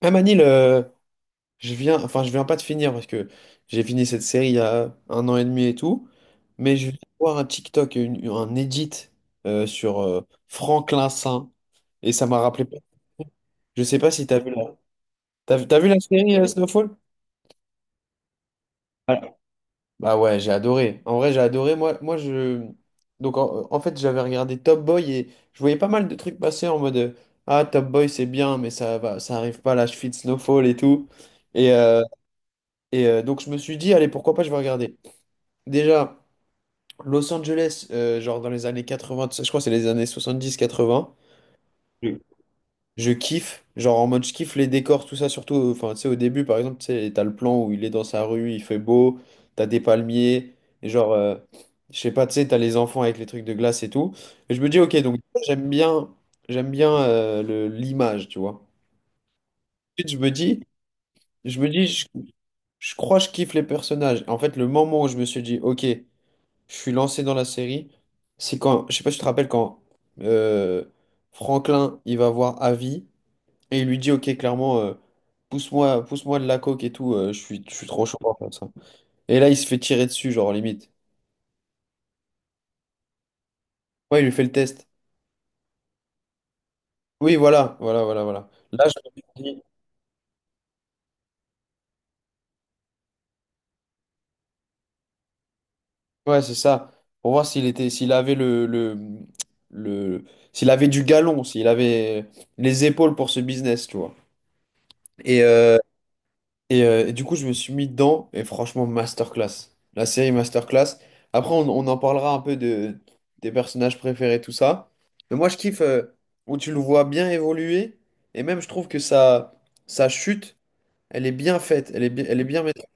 Ah Manil, je viens, enfin je viens pas de finir parce que j'ai fini cette série il y a 1 an et demi et tout, mais je viens de voir un TikTok, un edit sur Franklin Saint et ça m'a rappelé. Je sais pas si t'as vu t'as vu la série Snowfall? Bah ouais, j'ai adoré. En vrai, j'ai adoré. Moi, je, en fait j'avais regardé Top Boy et je voyais pas mal de trucs passer en mode ah Top Boy c'est bien mais ça va, ça arrive pas à la cheville de Snowfall et tout et euh, et donc je me suis dit, allez, pourquoi pas, je vais regarder. Déjà, Los Angeles, genre dans les années 80, tout ça, je crois que c'est les années 70-80, je kiffe, genre en mode je kiffe les décors, tout ça, surtout, enfin, tu sais, au début, par exemple, tu sais, t'as le plan où il est dans sa rue, il fait beau, t'as des palmiers, et genre, je sais pas, tu sais, t'as les enfants avec les trucs de glace et tout, et je me dis, ok, donc j'aime bien, j'aime bien l'image, tu vois. Ensuite, je me dis, je crois que je kiffe les personnages. En fait, le moment où je me suis dit, ok, je suis lancé dans la série. C'est quand, je sais pas si tu te rappelles quand euh, Franklin il va voir Avi et il lui dit ok clairement, pousse-moi de la coke et tout, je suis trop chaud pour faire ça. Et là il se fait tirer dessus genre limite. Ouais il lui fait le test. Oui voilà, voilà, voilà, voilà. Là je me dis, ouais c'est ça pour voir s'il était s'il avait le s'il avait du galon s'il avait les épaules pour ce business tu vois. Et euh, et du coup, je me suis mis dedans, et franchement, masterclass. La série masterclass. Après, on en parlera un peu de, des personnages préférés, tout ça. Mais moi, je kiffe où tu le vois bien évoluer, et même, je trouve que sa, sa chute, elle est bien faite, elle est bien maîtrisée.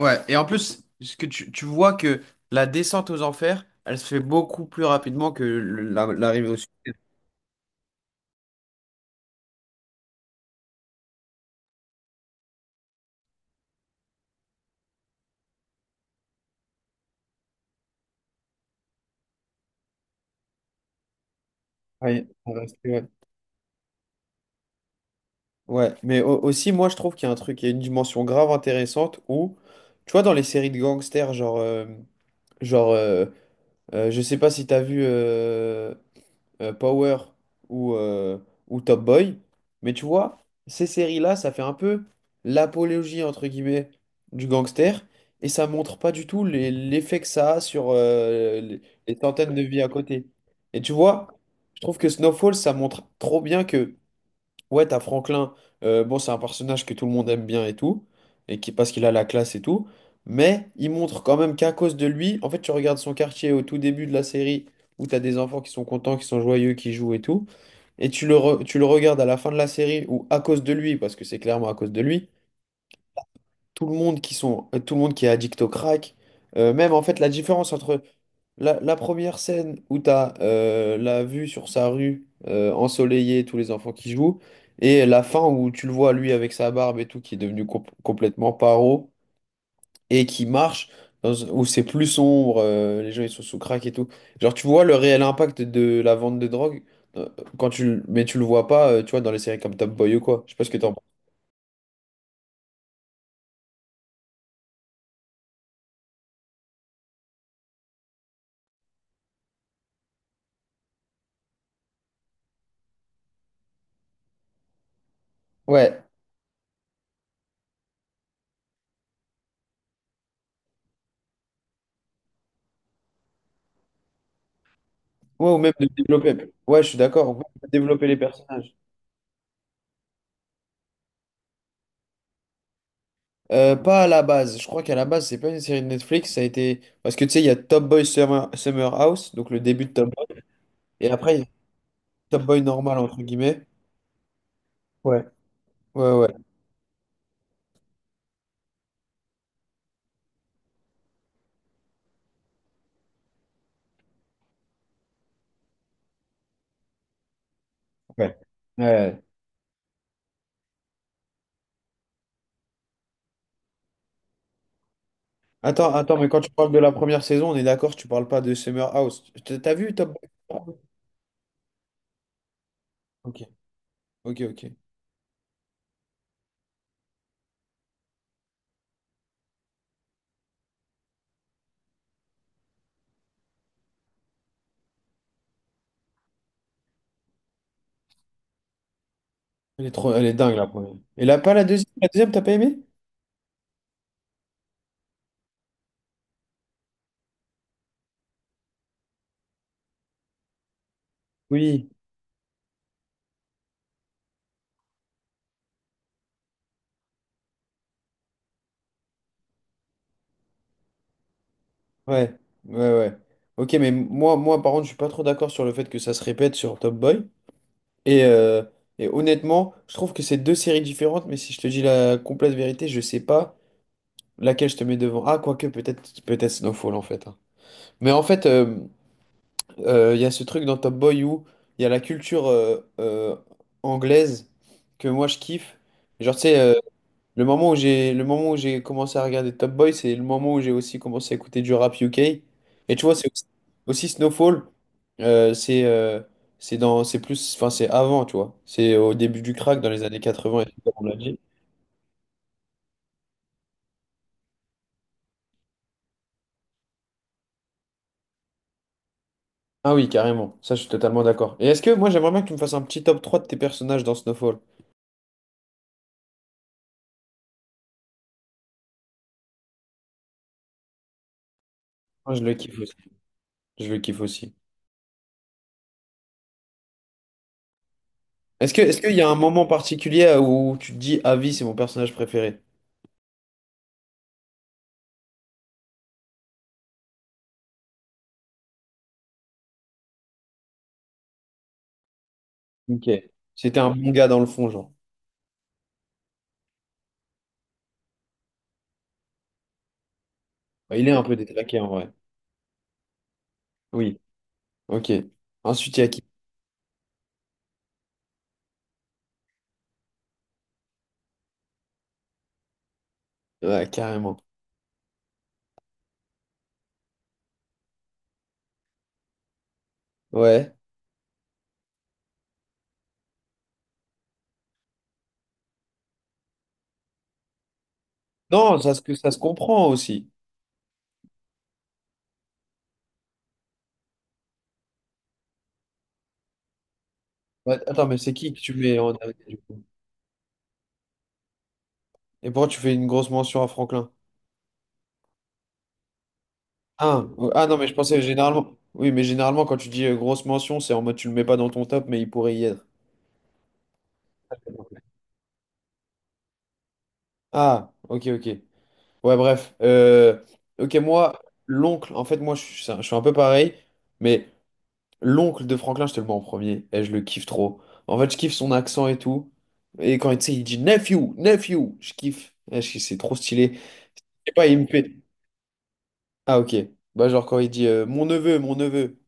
Ouais, et en plus, ce que tu vois que la descente aux enfers, elle se fait beaucoup plus rapidement que l'arrivée au sommet. Ouais. Ouais, mais aussi, moi, je trouve qu'il y a un truc, il y a une dimension grave intéressante où, tu vois, dans les séries de gangsters, genre, je sais pas si t'as vu Power ou, euh, ou Top Boy, mais tu vois, ces séries-là, ça fait un peu l'apologie, entre guillemets, du gangster, et ça montre pas du tout l'effet que ça a sur les centaines de vies à côté. Et tu vois, je trouve que Snowfall, ça montre trop bien. Ouais, t'as Franklin. Bon, c'est un personnage que tout le monde aime bien et tout, et qui parce qu'il a la classe et tout. Mais il montre quand même qu'à cause de lui, en fait, tu regardes son quartier au tout début de la série où t'as des enfants qui sont contents, qui sont joyeux, qui jouent et tout, et tu le regardes à la fin de la série où à cause de lui, parce que c'est clairement à cause de lui, tout le monde qui est addict au crack. Même en fait, la différence entre la, la première scène où tu as la vue sur sa rue ensoleillée, tous les enfants qui jouent, et la fin où tu le vois lui avec sa barbe et tout, qui est devenu complètement paro et qui marche, où c'est plus sombre, les gens ils sont sous crack et tout. Genre, tu vois le réel impact de la vente de drogue. euh, mais tu le vois pas, tu vois, dans les séries comme Top Boy ou quoi. Je sais pas ce que t'en penses. Ouais, ouais, ou même de développer. Ouais, je suis d'accord. On peut développer les personnages. Pas à la base. Je crois qu'à la base, c'est pas une série de Netflix. Ça a été. Parce que tu sais, il y a Top Boy Summer, Summer House, donc le début de Top Boy. Et après, il y a Top Boy normal, entre guillemets. Ouais. Ouais, ouais. Ouais. Ouais. Attends, attends, mais quand tu parles de la première saison, on est d'accord, tu parles pas de Summer House. T'as vu Top Boy Summer House? Ok, ok. Elle est trop, elle est dingue la première. Et là, pas la deuxième? La deuxième, t'as pas aimé? Oui. Ouais, ouais. Ok, mais moi, par contre, je suis pas trop d'accord sur le fait que ça se répète sur Top Boy. Et, euh, et honnêtement, je trouve que c'est deux séries différentes, mais si je te dis la complète vérité, je sais pas laquelle je te mets devant. Ah, quoique, peut-être Snowfall, en fait. Hein. Mais en fait, il y a ce truc dans Top Boy où il y a la culture anglaise que moi, je kiffe. Genre, tu sais, le moment où j'ai commencé à regarder Top Boy, c'est le moment où j'ai aussi commencé à écouter du rap UK. Et tu vois, c'est aussi Snowfall. euh, c'est euh, c'est plus, enfin, c'est avant, tu vois. C'est au début du crack dans les années 80, et tout, comme on l'a dit. Ah oui, carrément. Ça, je suis totalement d'accord. Et est-ce que moi, j'aimerais bien que tu me fasses un petit top 3 de tes personnages dans Snowfall? Moi, je le kiffe aussi. Je le kiffe aussi. Est-ce que, est-ce qu'il y a un moment particulier où tu te dis, à vie, c'est mon personnage préféré? Ok. C'était un bon gars dans le fond, genre. Il est un peu détraqué en vrai. Oui. Ok. Ensuite, il y a qui? Ouais, carrément. Ouais. Non, ça se comprend aussi. Ouais, attends, mais c'est qui que tu mets en dernier, du coup? Et pourquoi tu fais une grosse mention à Franklin? Ah, ah non, mais je pensais généralement. Oui, mais généralement, quand tu dis grosse mention, c'est en mode tu le mets pas dans ton top, mais il pourrait y être. Ah, ok, ok. Ouais, bref. Ok, moi, l'oncle, en fait, je suis un peu pareil, mais l'oncle de Franklin, je te le mets en premier. Et je le kiffe trop. En fait, je kiffe son accent et tout. Et quand tu sais, il dit nephew, je kiffe. Eh, c'est trop stylé. Je sais pas, il me fait. Ah, ok. Bah, genre quand il dit mon neveu.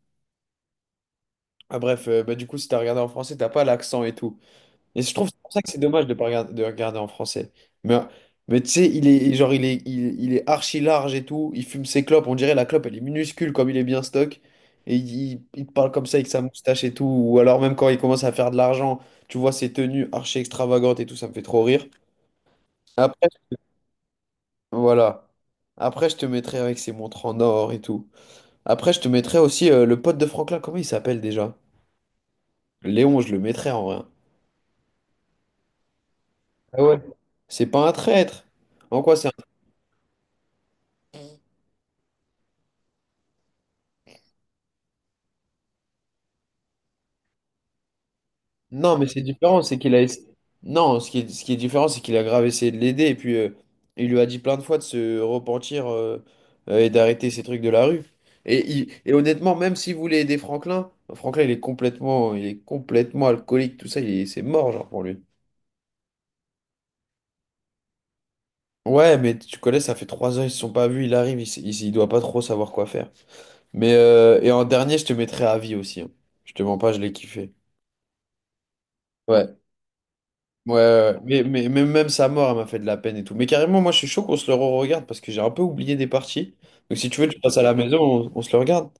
Ah, bref, bah, du coup, si t'as regardé en français, t'as pas l'accent et tout. Et je trouve c'est pour ça que c'est dommage de pas regarder, de regarder en français. Mais, mais tu sais, il est archi large et tout. Il fume ses clopes. On dirait la clope, elle est minuscule comme il est bien stock. Et il te parle comme ça avec sa moustache et tout. Ou alors même quand il commence à faire de l'argent, tu vois ses tenues archi extravagantes et tout, ça me fait trop rire. Après, voilà. Après, je te mettrai avec ses montres en or et tout. Après, je te mettrai aussi le pote de Franklin. Comment il s'appelle déjà? Léon, je le mettrai en vrai. Ah ouais. C'est pas un traître. En quoi c'est... Non, mais c'est différent, c'est qu'il a essa- non, ce qui est différent, c'est qu'il a grave essayé de l'aider et puis il lui a dit plein de fois de se repentir et d'arrêter ces trucs de la rue. Et, et honnêtement, même s'il voulait aider Franklin, il est complètement alcoolique, tout ça, c'est mort genre pour lui. Ouais, mais tu connais, ça fait 3 ans, ils se sont pas vus, il arrive, il doit pas trop savoir quoi faire. Mais et en dernier, je te mettrai à vie aussi. Hein. Je te mens pas, je l'ai kiffé. Ouais. Ouais, mais même sa mort, elle m'a fait de la peine et tout. Mais carrément, moi, je suis chaud qu'on se le regarde parce que j'ai un peu oublié des parties. Donc, si tu veux, tu passes à la maison, on se le regarde.